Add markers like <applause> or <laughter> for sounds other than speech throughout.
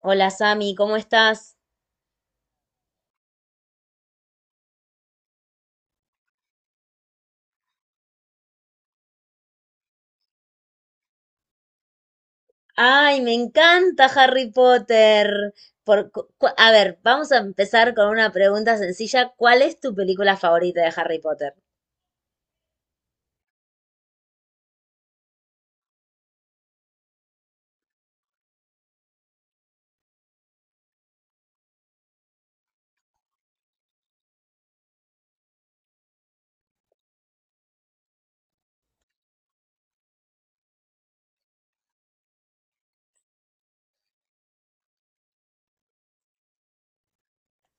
Hola Sami, ¿cómo estás? Ay, me encanta Harry Potter. A ver, vamos a empezar con una pregunta sencilla. ¿Cuál es tu película favorita de Harry Potter?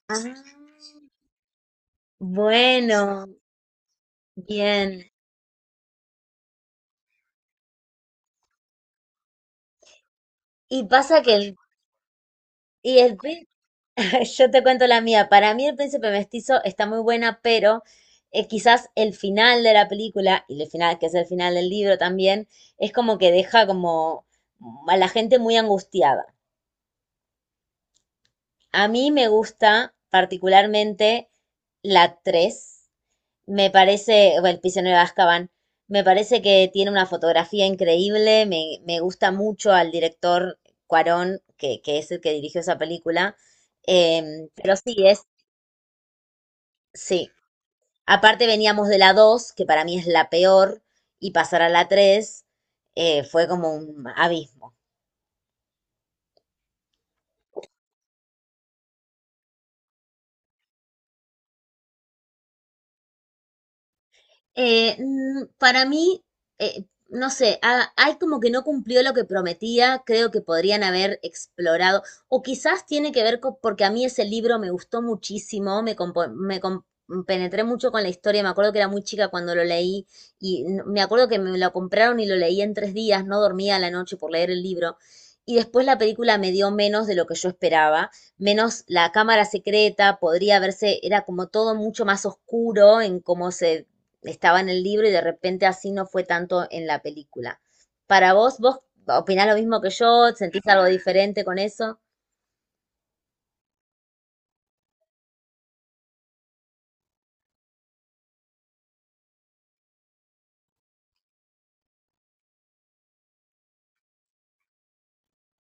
Ah. Bueno, bien. Y pasa que el, y el prin- <laughs> yo te cuento la mía. Para mí el príncipe mestizo está muy buena, pero quizás el final de la película, y el final, que es el final del libro también, es como que deja como a la gente muy angustiada. A mí me gusta particularmente la 3. Me parece, o El prisionero de Azkaban, me parece que tiene una fotografía increíble, me gusta mucho al director Cuarón, que es el que dirigió esa película. Pero sí, es, sí. Aparte veníamos de la 2, que para mí es la peor, y pasar a la 3 fue como un abismo. Para mí, no sé, hay como que no cumplió lo que prometía, creo que podrían haber explorado, o quizás tiene que ver con, porque a mí ese libro me gustó muchísimo, me, compo- me com- penetré mucho con la historia, me acuerdo que era muy chica cuando lo leí y me acuerdo que me lo compraron y lo leí en tres días, no dormía a la noche por leer el libro. Y después la película me dio menos de lo que yo esperaba, menos la cámara secreta, podría verse, era como todo mucho más oscuro en cómo se estaba en el libro y de repente así no fue tanto en la película. Para vos, ¿vos opinás lo mismo que yo? ¿Sentís algo diferente con eso?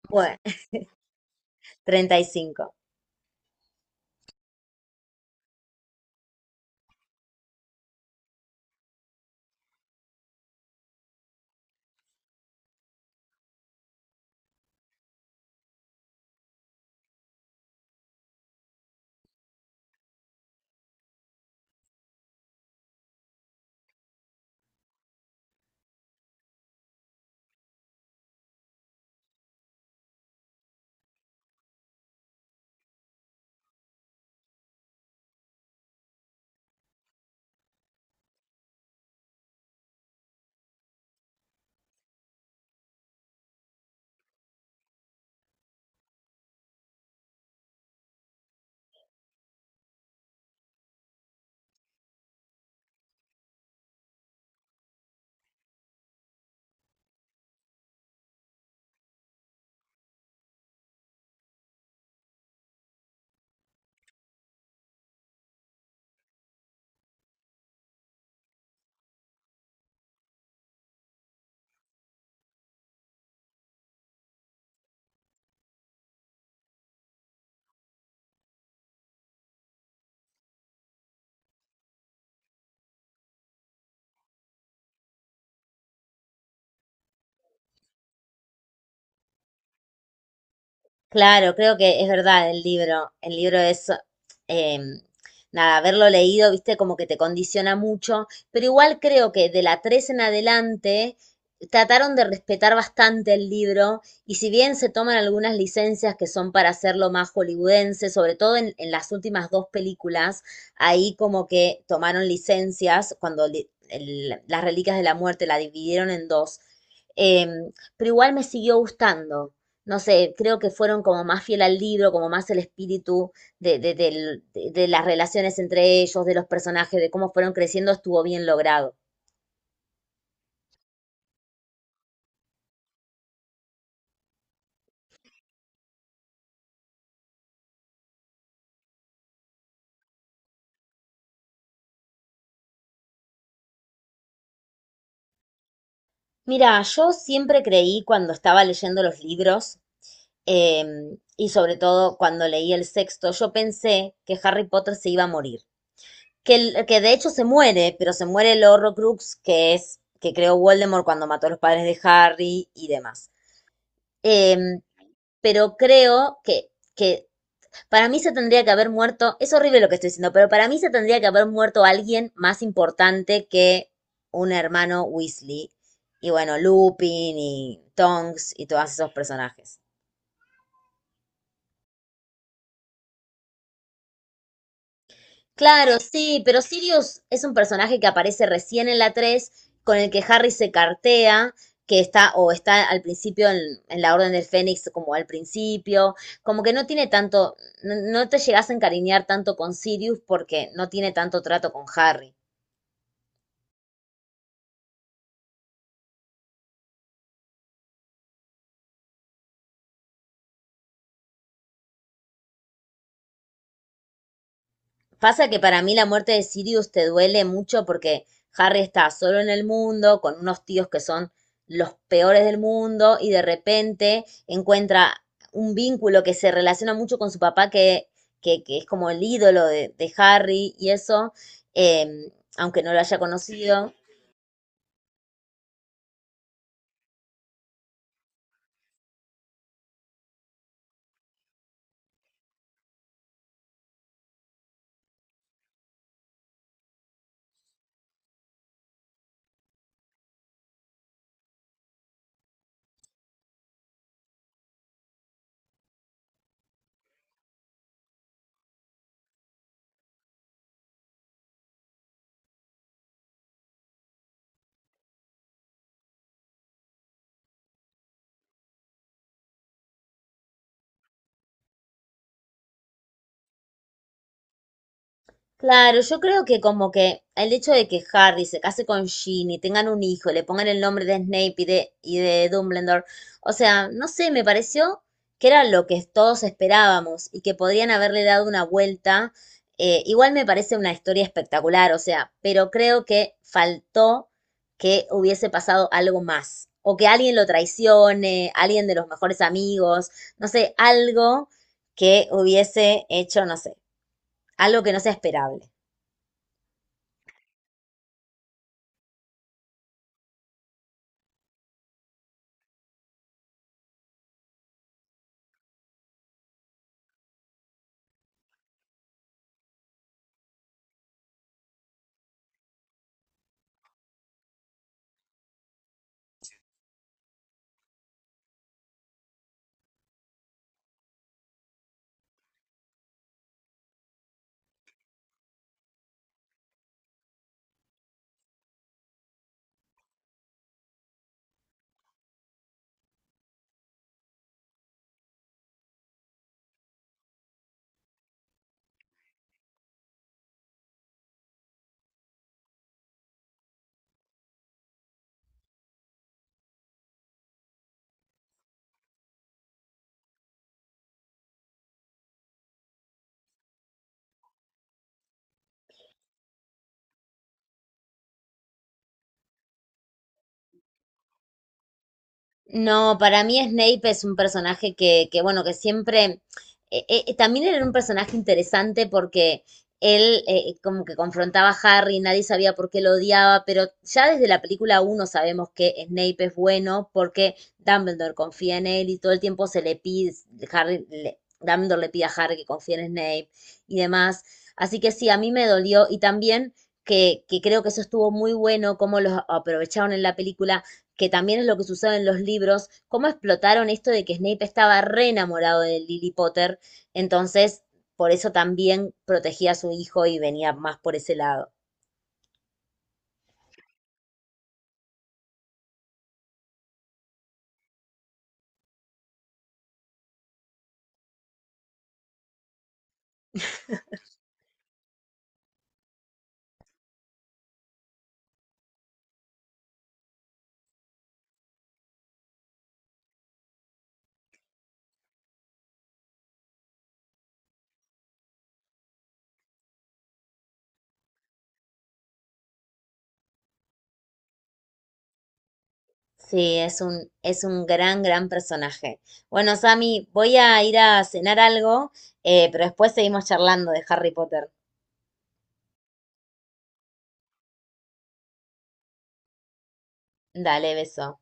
Bueno, <laughs> treinta y cinco. Claro, creo que es verdad el libro. El libro es, eh, nada, haberlo leído, viste, como que te condiciona mucho, pero igual creo que de la 3 en adelante trataron de respetar bastante el libro y si bien se toman algunas licencias que son para hacerlo más hollywoodense, sobre todo en las últimas dos películas, ahí como que tomaron licencias cuando las Reliquias de la Muerte la dividieron en dos. Pero igual me siguió gustando, no sé, creo que fueron como más fiel al libro, como más el espíritu de las relaciones entre ellos, de los personajes, de cómo fueron creciendo, estuvo bien logrado. Mira, yo siempre creí cuando estaba leyendo los libros, y sobre todo cuando leí el sexto, yo pensé que Harry Potter se iba a morir. Que, que de hecho se muere, pero se muere el Horrocrux, que creó Voldemort cuando mató a los padres de Harry y demás. Em, pero creo que Para mí se tendría que haber muerto, es horrible lo que estoy diciendo, pero para mí se tendría que haber muerto alguien más importante que un hermano Weasley. Y bueno, Lupin y Tonks y todos esos personajes. Claro, sí, pero Sirius es un personaje que aparece recién en la 3, con el que Harry se cartea, que está o está al principio en la Orden del Fénix como al principio, como que no tiene tanto, no te llegas a encariñar tanto con Sirius porque no tiene tanto trato con Harry. Pasa que para mí la muerte de Sirius te duele mucho porque Harry está solo en el mundo, con unos tíos que son los peores del mundo, y de repente encuentra un vínculo que se relaciona mucho con su papá, que es como el ídolo de Harry, y eso, eh, aunque no lo haya conocido. Claro, yo creo que como que el hecho de que Harry se case con Ginny, tengan un hijo, le pongan el nombre de Snape y de Dumbledore, o sea, no sé, me pareció que era lo que todos esperábamos y que podrían haberle dado una vuelta. Igual me parece una historia espectacular, o sea, pero creo que faltó que hubiese pasado algo más, o que alguien lo traicione, alguien de los mejores amigos, no sé, algo que hubiese hecho, no sé, algo que no sea esperable. No, para mí Snape es un personaje que bueno, que siempre, también era un personaje interesante porque él como que confrontaba a Harry, nadie sabía por qué lo odiaba, pero ya desde la película 1 sabemos que Snape es bueno porque Dumbledore confía en él y todo el tiempo se le pide, Harry, Dumbledore le pide a Harry que confíe en Snape y demás. Así que sí, a mí me dolió y también que creo que eso estuvo muy bueno, cómo los aprovecharon en la película que también es lo que sucede en los libros, cómo explotaron esto de que Snape estaba re enamorado de Lily Potter, entonces por eso también protegía a su hijo y venía más por ese lado. Sí, es un gran, gran personaje. Bueno, Sammy, voy a ir a cenar algo, pero después seguimos charlando de Harry Potter. Dale, beso.